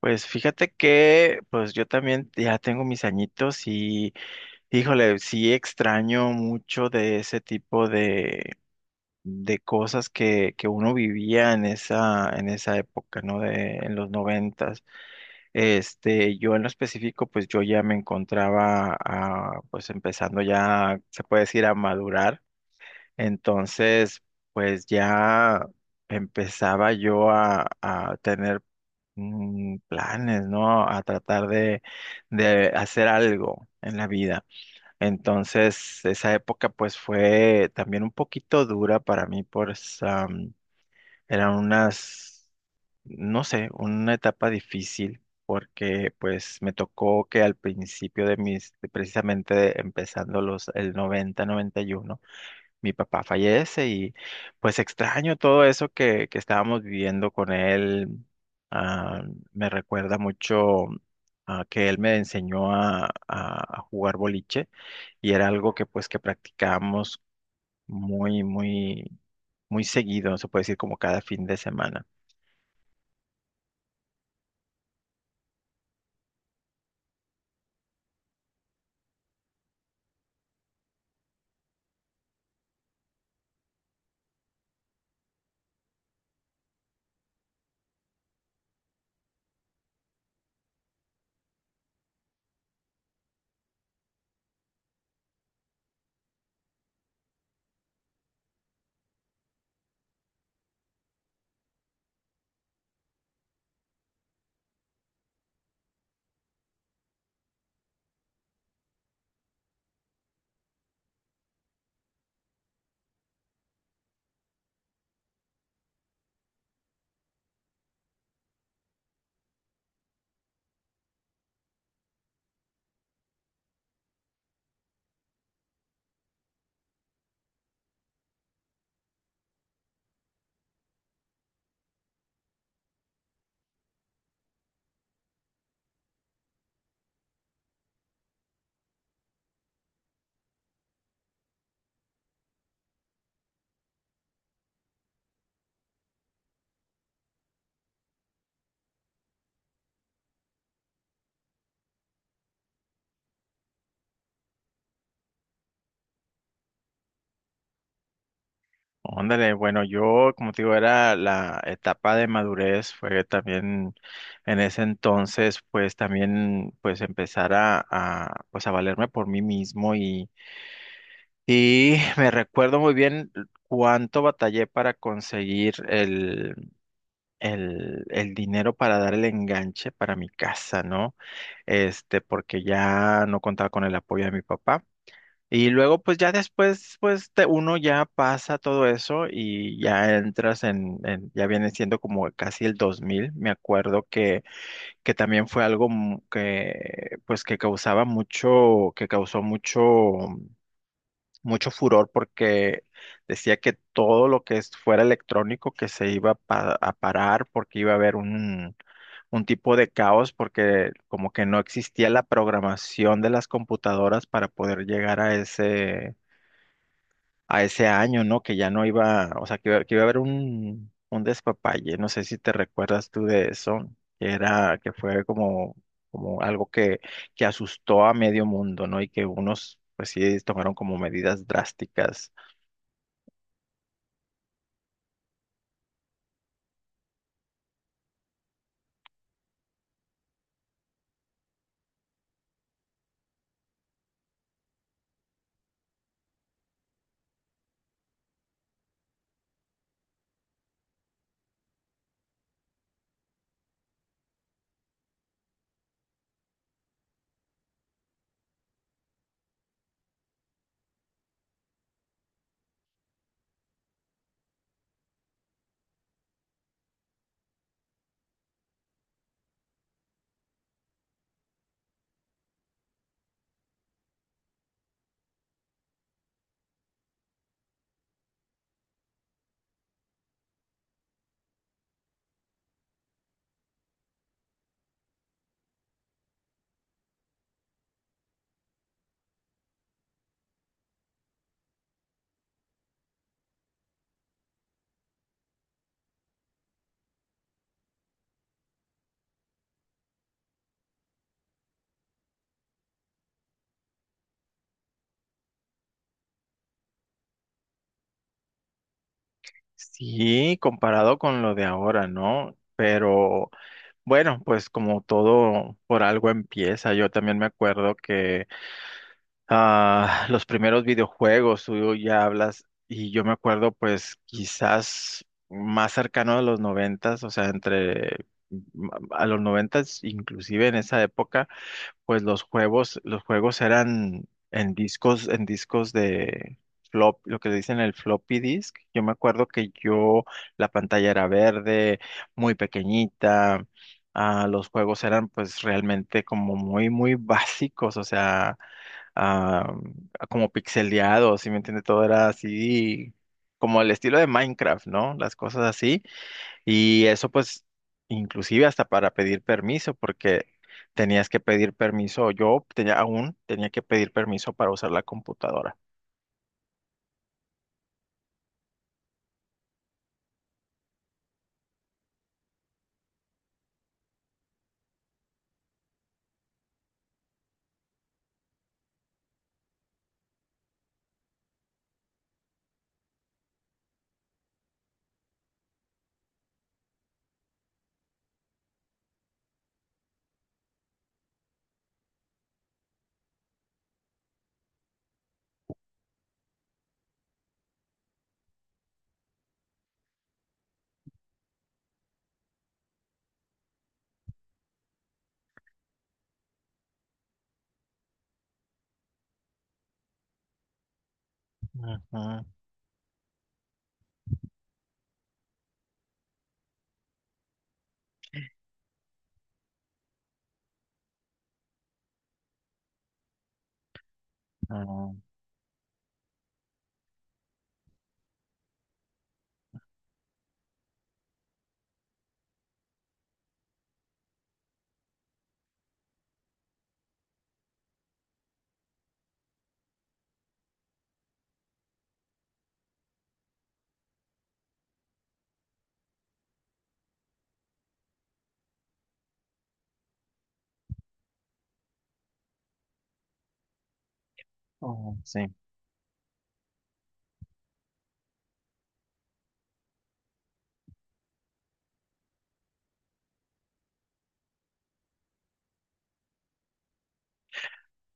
Pues fíjate que pues yo también ya tengo mis añitos y híjole, sí extraño mucho de ese tipo de cosas que uno vivía en esa época, ¿no? De, en los noventas. Este, yo en lo específico, pues yo ya me encontraba pues empezando ya, se puede decir, a madurar. Entonces, pues ya empezaba yo a tener planes, ¿no? A tratar de hacer algo en la vida. Entonces, esa época pues fue también un poquito dura para mí, pues eran unas, no sé, una etapa difícil. Porque pues me tocó que al principio de mis, de precisamente empezando los, el 90, 91 mi papá fallece y pues extraño todo eso que estábamos viviendo con él. Ah, Me recuerda mucho que él me enseñó a, a jugar boliche y era algo que pues que practicábamos muy, muy, muy seguido, se puede decir como cada fin de semana. Óndale, bueno, yo, como te digo, era la etapa de madurez, fue también en ese entonces, pues también, pues empezar a, pues a valerme por mí mismo y me recuerdo muy bien cuánto batallé para conseguir el dinero para dar el enganche para mi casa, ¿no? Este, porque ya no contaba con el apoyo de mi papá. Y luego, pues ya después, pues uno ya pasa todo eso y ya entras en, ya viene siendo como casi el 2000. Me acuerdo que también fue algo que, pues que causaba mucho, que causó mucho, mucho furor porque decía que todo lo que fuera electrónico que se iba a parar porque iba a haber un tipo de caos porque como que no existía la programación de las computadoras para poder llegar a ese año, ¿no? Que ya no iba, o sea, que, que iba a haber un despapalle, no sé si te recuerdas tú de eso, que era, que fue como, como algo que asustó a medio mundo, ¿no? Y que unos, pues sí, tomaron como medidas drásticas. Sí, comparado con lo de ahora, ¿no? Pero bueno, pues como todo por algo empieza, yo también me acuerdo que. Ah, los primeros videojuegos, tú ya hablas, y yo me acuerdo, pues, quizás más cercano a los noventas, o sea, entre a los noventas, inclusive en esa época, pues los juegos eran en discos de flop, lo que le dicen el floppy disk. Yo me acuerdo que yo, la pantalla era verde, muy pequeñita. Ah, los juegos eran pues realmente como muy, muy básicos, o sea, ah, como pixeleado, ¿si me entiende? Todo era así, como el estilo de Minecraft, ¿no? Las cosas así. Y eso pues, inclusive hasta para pedir permiso, porque tenías que pedir permiso, yo tenía, aún tenía que pedir permiso para usar la computadora. Ujú, ujú, ujú, sí.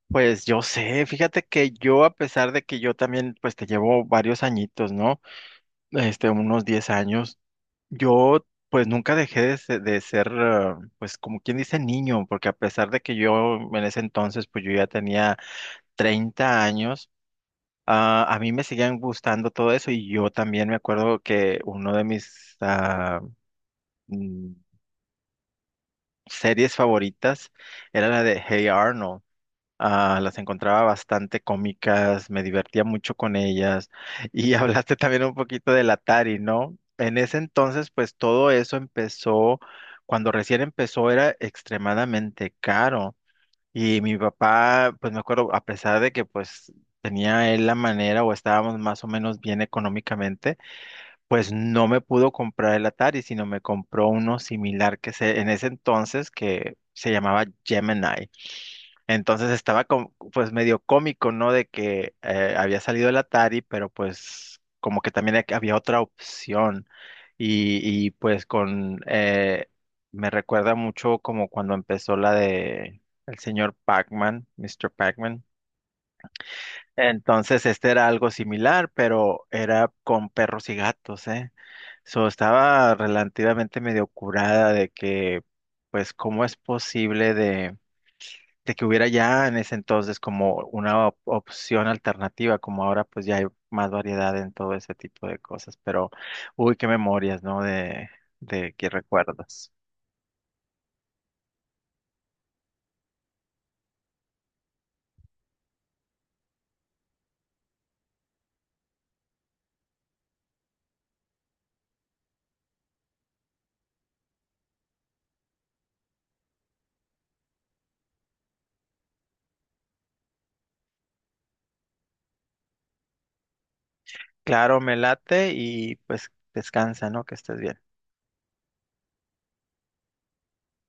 Pues yo sé, fíjate que yo, a pesar de que yo también, pues te llevo varios añitos, ¿no? Este, unos 10 años. Yo pues nunca dejé de, de ser, pues como quien dice niño, porque a pesar de que yo en ese entonces pues yo ya tenía 30 años, a mí me seguían gustando todo eso y yo también me acuerdo que uno de mis mm, series favoritas era la de Hey Arnold. Ah, las encontraba bastante cómicas, me divertía mucho con ellas. Y hablaste también un poquito del Atari, ¿no? En ese entonces, pues todo eso empezó, cuando recién empezó era extremadamente caro. Y mi papá, pues me acuerdo, a pesar de que pues tenía él la manera o estábamos más o menos bien económicamente, pues no me pudo comprar el Atari, sino me compró uno similar que se, en ese entonces que se llamaba Gemini. Entonces estaba pues medio cómico, ¿no? De que había salido el Atari, pero pues como que también había otra opción. Y, pues con, me recuerda mucho como cuando empezó la de el señor Pac-Man, Mr. Pac-Man. Entonces este era algo similar, pero era con perros y gatos, ¿eh? So, estaba relativamente medio curada de que, pues, ¿cómo es posible de que hubiera ya en ese entonces como una opción alternativa, como ahora pues ya hay más variedad en todo ese tipo de cosas, pero uy, qué memorias, ¿no? De qué recuerdos. Claro, me late y pues descansa, ¿no? Que estés bien.